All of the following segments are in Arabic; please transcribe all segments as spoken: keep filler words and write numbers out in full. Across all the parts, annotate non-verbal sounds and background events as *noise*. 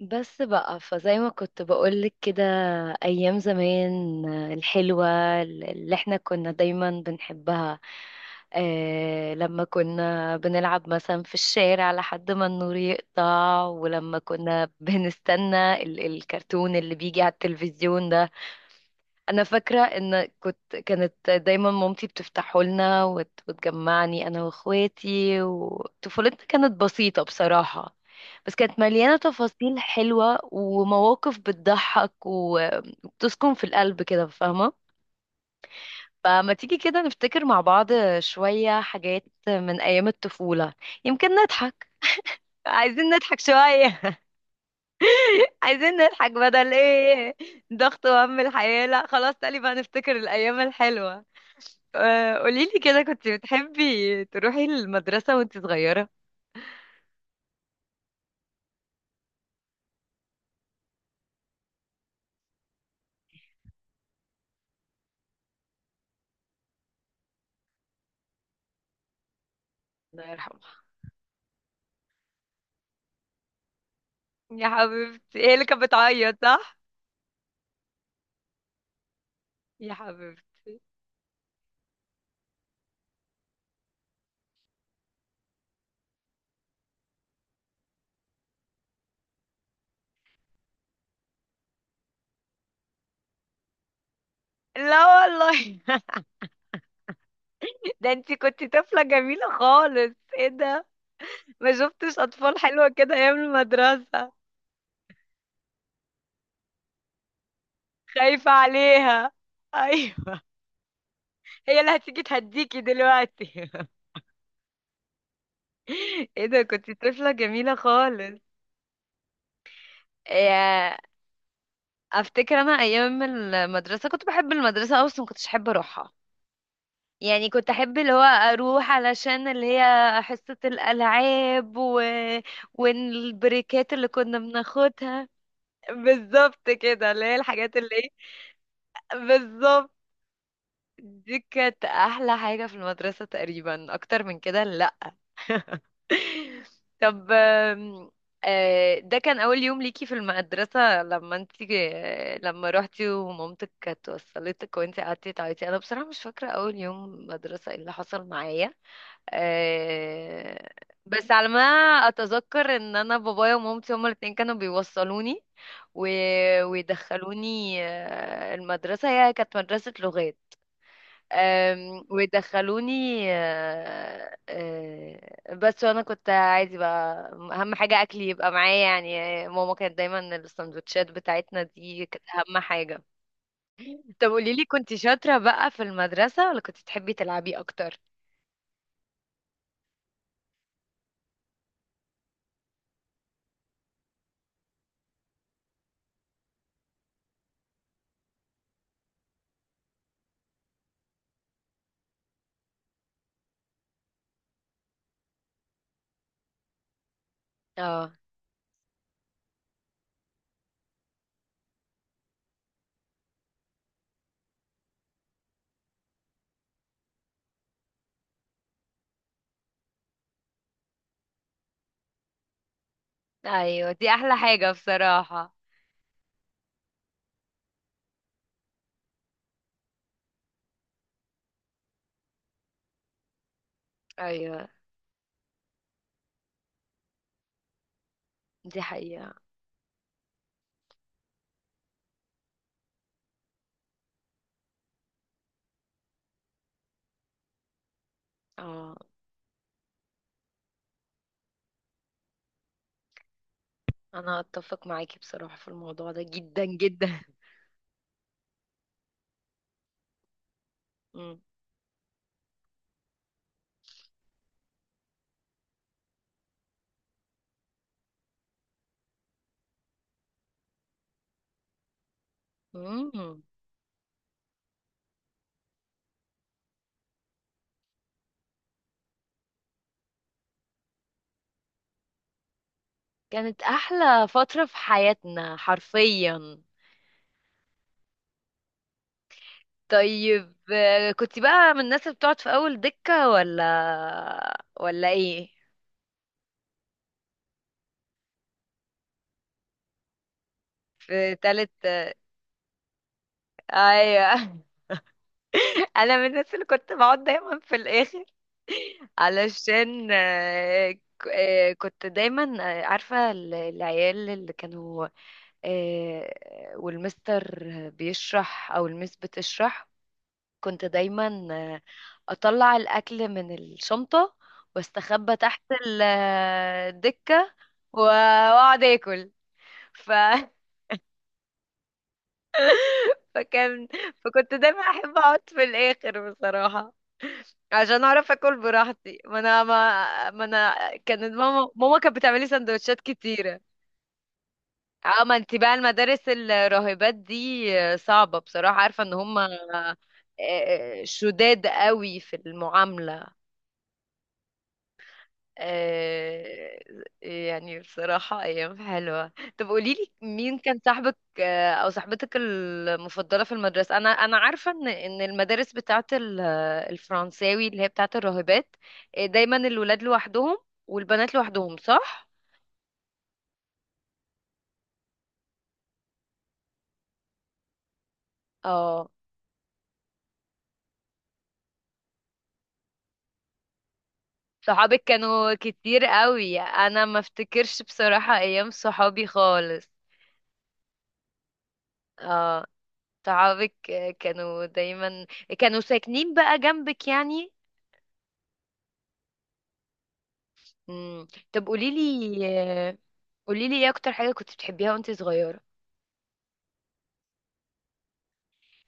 بس بقى فزي ما كنت بقولك كده. أيام زمان، آه، الحلوة اللي احنا كنا دايما بنحبها. اه، لما كنا بنلعب مثلا في الشارع لحد ما النور يقطع، ولما كنا بنستنى ال- الكرتون اللي بيجي على التلفزيون ده. انا فاكره ان كنت كانت دايما مامتي بتفتحه لنا، وت- وتجمعني انا واخواتي. وطفولتنا كانت بسيطه بصراحه، بس كانت مليانه تفاصيل حلوه ومواقف بتضحك و- وبتسكن في القلب كده، فاهمه؟ فما تيجي كده نفتكر مع بعض شويه حاجات من ايام الطفوله، يمكن نضحك. عايزين نضحك شويه *laughs* عايزين نضحك بدل ايه؟ ضغط وهم الحياه؟ لا خلاص، تقريبا هنفتكر الايام الحلوه. آه، قوليلي كده، كنت بتحبي تروحي المدرسة وانت صغيرة؟ الله يرحمها. يا حبيبتي، هي اللي كانت بتعيط صح؟ يا حبيبتي. لا والله *laughs* ده انت كنت طفلة جميلة خالص. ايه ده! ما شفتش اطفال حلوة كده ايام المدرسة. خايفة عليها. ايوه. هي اللي هتيجي تهديكي دلوقتي *laughs* ايه ده، كنت طفلة جميلة خالص. يا. افتكر انا ايام المدرسة كنت بحب المدرسة أوي، بس ما كنتش احب اروحها. يعني كنت احب اللي هو اروح علشان اللي هي حصة الالعاب و... والبريكات اللي كنا بناخدها. بالظبط كده، اللي هي الحاجات اللي ايه. بالظبط. دي كانت احلى حاجة في المدرسة تقريبا، اكتر من كده لا. *laughs* طب آم، آه، ده كان اول يوم ليكي في المدرسة لما انتي آه، لما روحتي ومامتك كانت وصلتك وانتي قعدتي تعيطي. انا بصراحة مش فاكرة اول يوم مدرسة ايه اللي حصل معايا. آه، بس على ما اتذكر ان انا بابايا ومامتي هما الاتنين كانوا بيوصلوني و... ويدخلوني آه، المدرسة. هي كانت مدرسة لغات. آم، ويدخلوني آه، آه، بس. وانا كنت عادي بقى، اهم حاجة اكلي يبقى معايا، يعني ماما كانت دايما السندوتشات بتاعتنا دي كانت اهم حاجة. طب قوليلي، كنت شاطرة بقى في المدرسة ولا كنت تحبي تلعبي اكتر؟ اه. ايوه، دي احلى حاجة بصراحة. ايوه، دي حقيقة. اه، انا اتفق معاكي بصراحة في الموضوع ده جدا جدا. مم. مم. كانت احلى فترة في حياتنا حرفيا. طيب آه، كنت بقى من الناس اللي بتقعد في اول دكة ولا ولا ايه؟ في تالت. ايوه *laughs* انا من الناس اللي كنت بقعد دايما في الاخر *laughs* علشان آه، ك- آه، كنت دايما آه، عارفة ال- العيال اللي كانوا آه، والمستر بيشرح او المس بتشرح، كنت دايما آه، اطلع الاكل من الشنطة، واستخبى تحت ال- آه، الدكة و- واقعد اكل ف... *laughs* فكان، فكنت دايما احب اقعد في الاخر بصراحة، عشان اعرف اكل براحتي. ما انا ما, ما انا كانت ماما ماما كانت بتعملي سندوتشات كتيره. اه، ما انت بقى المدارس الراهبات دي صعبه بصراحه، عارفه ان هم آه، آه، شداد قوي في المعامله. آه. يعني بصراحة أيام حلوة. طب قوليلي، مين كان صاحبك آه أو صاحبتك المفضلة في المدرسة؟ أنا أنا عارفة إن إن المدارس بتاعة ال- الفرنساوي اللي هي بتاعة الراهبات، آه، دايما الولاد لوحدهم والبنات لوحدهم صح؟ اه. صحابك كانوا كتير قوي، أنا ما افتكرش بصراحة أيام صحابي خالص. اه، صحابك آه، كانوا دايما كانوا ساكنين بقى جنبك يعني؟ مم. طب قولي لي قولي لي، ايه اكتر حاجة كنت بتحبيها وانت صغيرة؟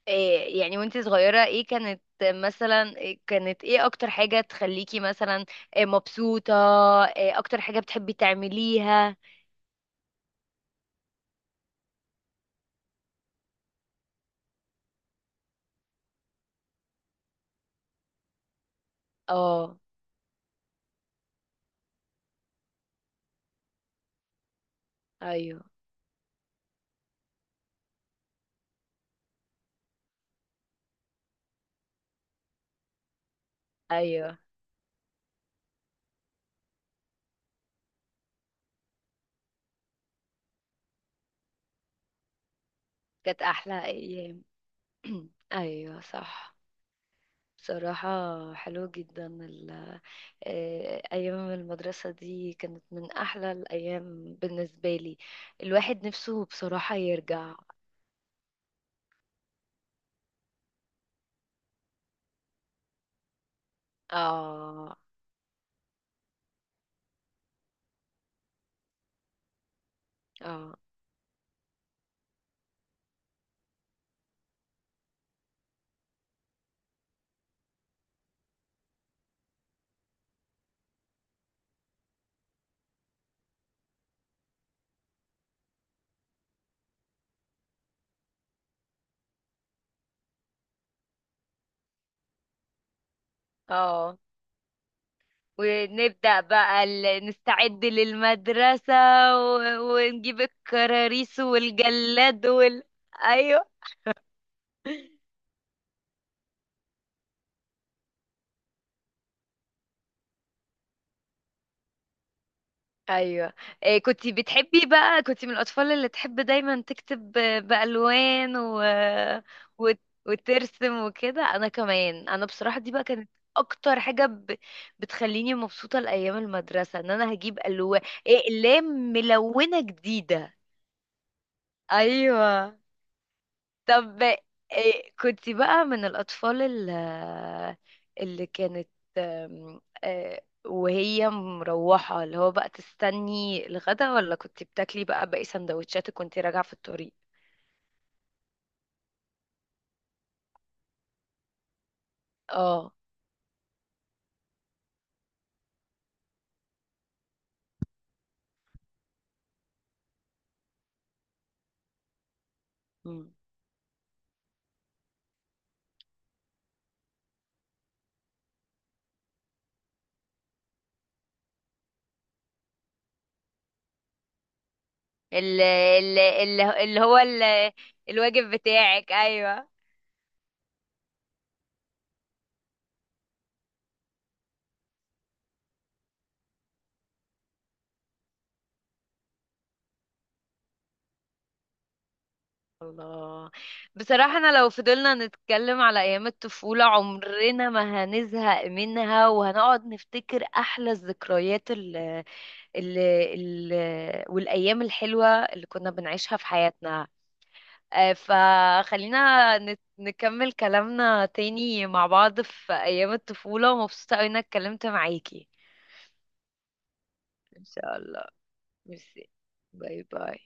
إيه يعني وانت صغيرة ايه كانت مثلا؟ إيه كانت ايه اكتر حاجة تخليكي مثلا إيه مبسوطة؟ إيه اكتر حاجة بتحبي تعمليها؟ اه. ايوه ايوه. كانت احلى ايام *clears throat* ايوه صح، بصراحة. حلو جدا ال- إيه، أيام المدرسة دي كانت من أحلى الأيام بالنسبة لي. الواحد نفسه بصراحة يرجع. اه اه اه. ونبدأ بقى ال- نستعد للمدرسة و... ونجيب الكراريس والجلاد وال... ايوه ايوه. إيه، كنت بتحبي بقى، كنت من الأطفال اللي تحب دايما تكتب ب- بألوان و... وت... وترسم وكده؟ انا كمان، انا بصراحة دي بقى كانت اكتر حاجة ب... بتخليني مبسوطة لأيام المدرسة، ان انا هجيب ألوان إقلام ملونة جديدة. ايوه. طب إيه، كنت بقى من الأطفال ال- اللي كانت أم، آه، وهي مروحة اللي هو بقى تستني الغدا، ولا كنت بتاكلي بقى باقي سندوتشاتك وانت راجعة في الطريق؟ اه. مم. ال- ال- ال- اللي هو ال- الواجب بتاعك ايوه. الله. بصراحة أنا لو فضلنا نتكلم على أيام الطفولة عمرنا ما هنزهق منها، وهنقعد نفتكر أحلى الذكريات اللي ال ال والأيام الحلوة اللي كنا بنعيشها في حياتنا. آه، فخلينا نت- نكمل كلامنا تاني مع بعض في أيام الطفولة، ومبسوطة أوي إنك اتكلمت معاكي. إن شاء الله. ميرسي. باي باي.